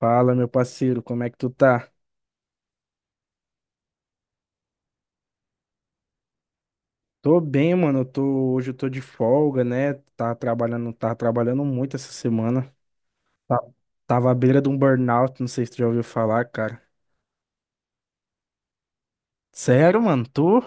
Fala, meu parceiro, como é que tu tá? Tô bem, mano. Hoje eu tô de folga, né? Tá trabalhando muito essa semana. Tá- Tava à beira de um burnout, não sei se tu já ouviu falar, cara. Sério, mano, tu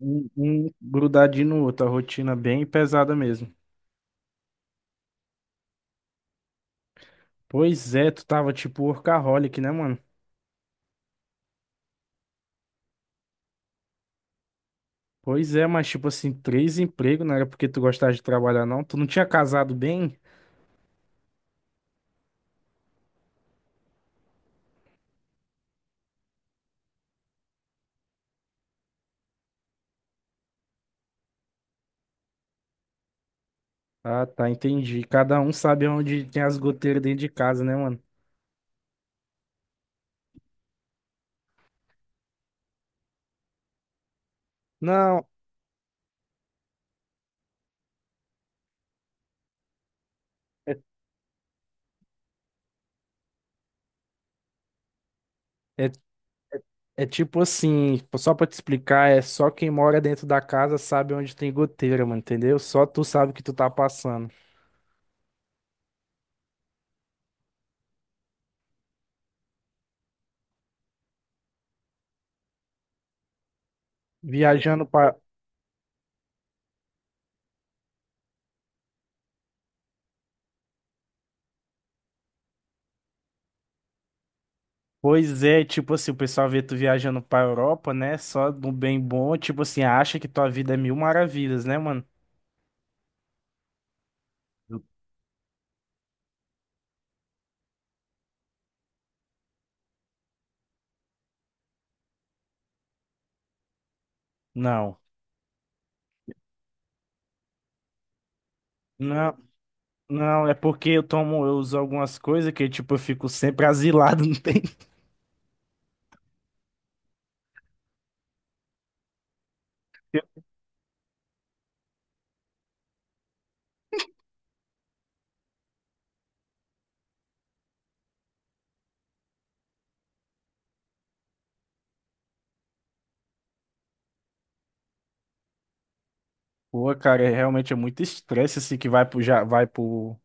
um grudadinho no outro, a rotina bem pesada mesmo. Pois é, tu tava tipo workaholic, né, mano? Pois é, mas tipo assim, três empregos, não era porque tu gostava de trabalhar, não? Tu não tinha casado bem? Ah, tá, entendi. Cada um sabe onde tem as goteiras dentro de casa, né, mano? Não. É, é. É tipo assim, só pra te explicar, é só quem mora dentro da casa sabe onde tem goteira, mano, entendeu? Só tu sabe o que tu tá passando. Viajando pra. Pois é, tipo assim, o pessoal vê tu viajando pra Europa, né? Só do bem bom, tipo assim, acha que tua vida é mil maravilhas, né, mano? Não. Não, não, é porque eu tomo, eu uso algumas coisas que, tipo, eu fico sempre asilado, não tem. Pô, cara, é, realmente é muito estresse assim que vai pro,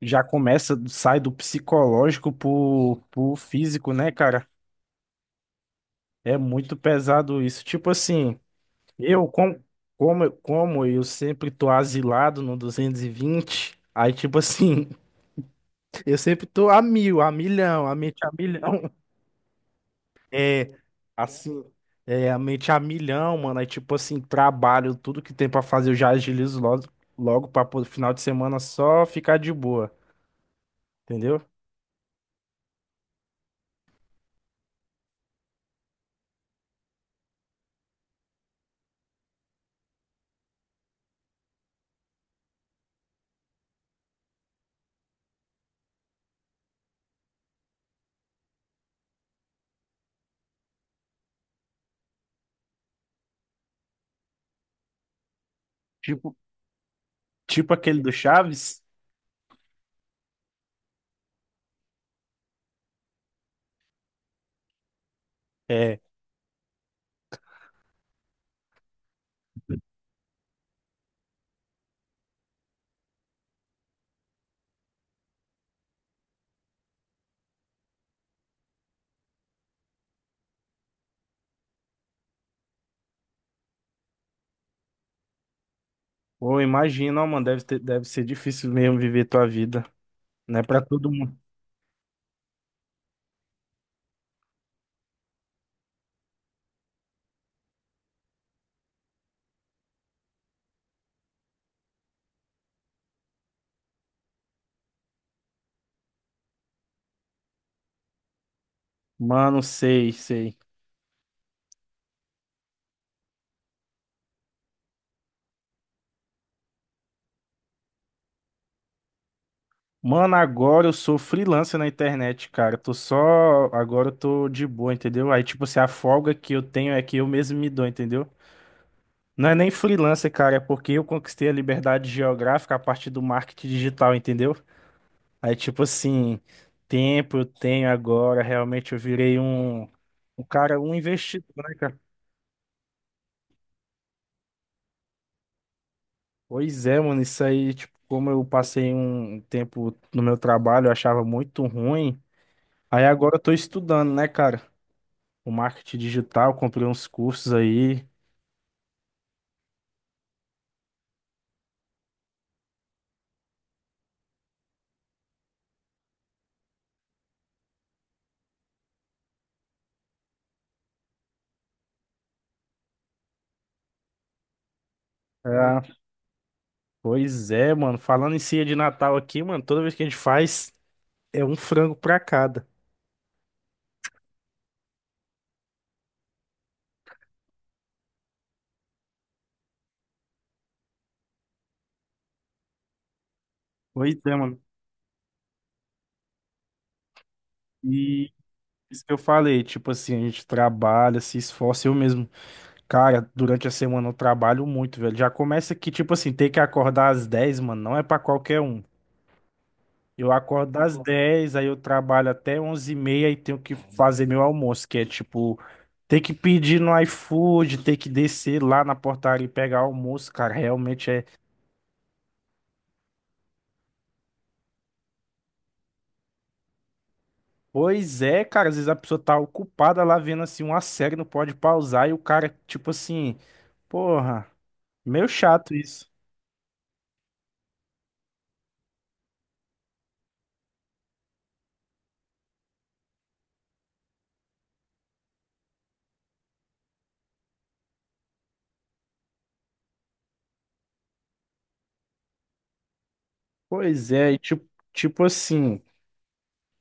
já começa, sai do psicológico pro físico, né, cara? É muito pesado isso. Tipo assim, eu, com, como eu sempre tô asilado no 220 aí, tipo assim, eu sempre tô a mil, a milhão, a mente a milhão. É. Assim, é, a mente a milhão, mano. Aí, tipo assim, trabalho, tudo que tem pra fazer, eu já agilizo logo, logo pra pô, final de semana só ficar de boa, entendeu? Tipo, tipo aquele do Chaves. É. Pô, imagina, ó, mano, deve ser difícil mesmo viver tua vida, né? Pra todo mundo. Mano, sei, sei. Mano, agora eu sou freelancer na internet, cara. Tô só. Agora eu tô de boa, entendeu? Aí, tipo assim, a folga que eu tenho é que eu mesmo me dou, entendeu? Não é nem freelancer, cara, é porque eu conquistei a liberdade geográfica a partir do marketing digital, entendeu? Aí, tipo assim, tempo eu tenho agora, realmente eu virei um investidor, né, cara? Pois é, mano, isso aí, tipo, como eu passei um tempo no meu trabalho, eu achava muito ruim. Aí agora eu tô estudando, né, cara? O marketing digital, comprei uns cursos aí. É, pois é, mano. Falando em ceia de Natal aqui, mano, toda vez que a gente faz, é um frango pra cada. Pois é, mano. E isso que eu falei, tipo assim, a gente trabalha, se esforça. Eu mesmo, cara, durante a semana eu trabalho muito, velho. Já começa que, tipo assim, ter que acordar às 10 mano, não é pra qualquer um. Eu acordo das 10, aí eu trabalho até onze e meia e tenho que fazer meu almoço, que é tipo, ter que pedir no iFood, ter que descer lá na portaria e pegar almoço, cara, realmente é. Pois é, cara, às vezes a pessoa tá ocupada lá vendo assim uma série, não pode pausar, e o cara, tipo assim, porra, meio chato isso. Pois é, e tipo assim.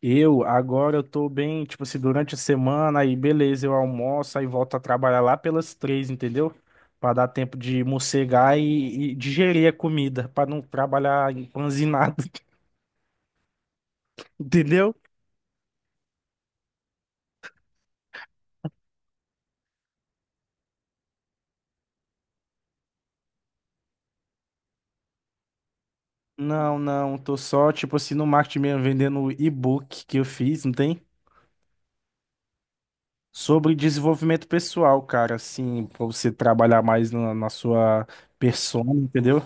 Agora eu tô bem, tipo assim, durante a semana, aí beleza, eu almoço, aí volto a trabalhar lá pelas três, entendeu? Pra dar tempo de mossegar e digerir a comida, pra não trabalhar empanzinado, entendeu? Não, não, tô só, tipo assim, no marketing mesmo, vendendo o e-book que eu fiz, não tem? Sobre desenvolvimento pessoal, cara, assim, pra você trabalhar mais na, na sua persona, entendeu?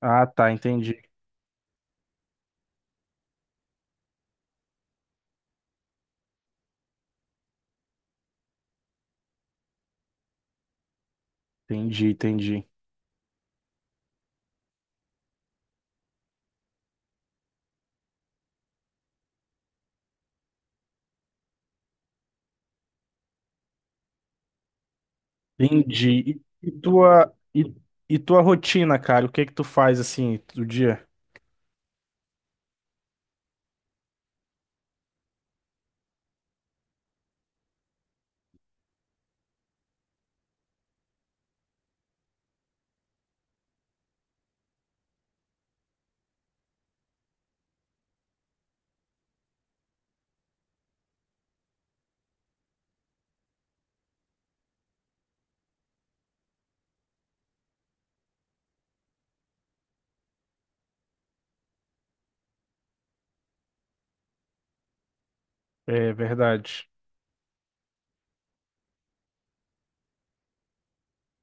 Ah, tá, entendi, entendi, entendi. Entendi. E, e tua, e, e tua rotina, cara? O que é que tu faz assim do dia? É verdade.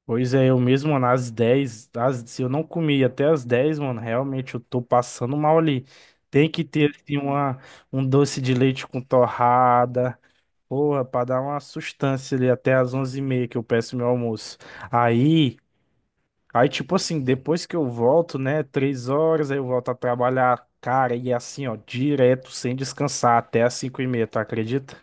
Pois é, eu mesmo, mano, às 10, se eu não comi até às 10, mano, realmente eu tô passando mal ali. Tem que ter assim, uma, um doce de leite com torrada, porra, pra dar uma sustância ali até às onze e meia que eu peço meu almoço. Aí. Aí, tipo assim, depois que eu volto, né, três horas, aí eu volto a trabalhar, cara, e assim, ó, direto, sem descansar, até às cinco e meia, tu acredita?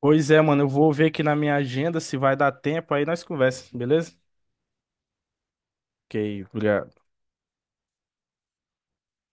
Pois é, mano, eu vou ver aqui na minha agenda se vai dar tempo, aí nós conversamos, beleza? Ok, obrigado.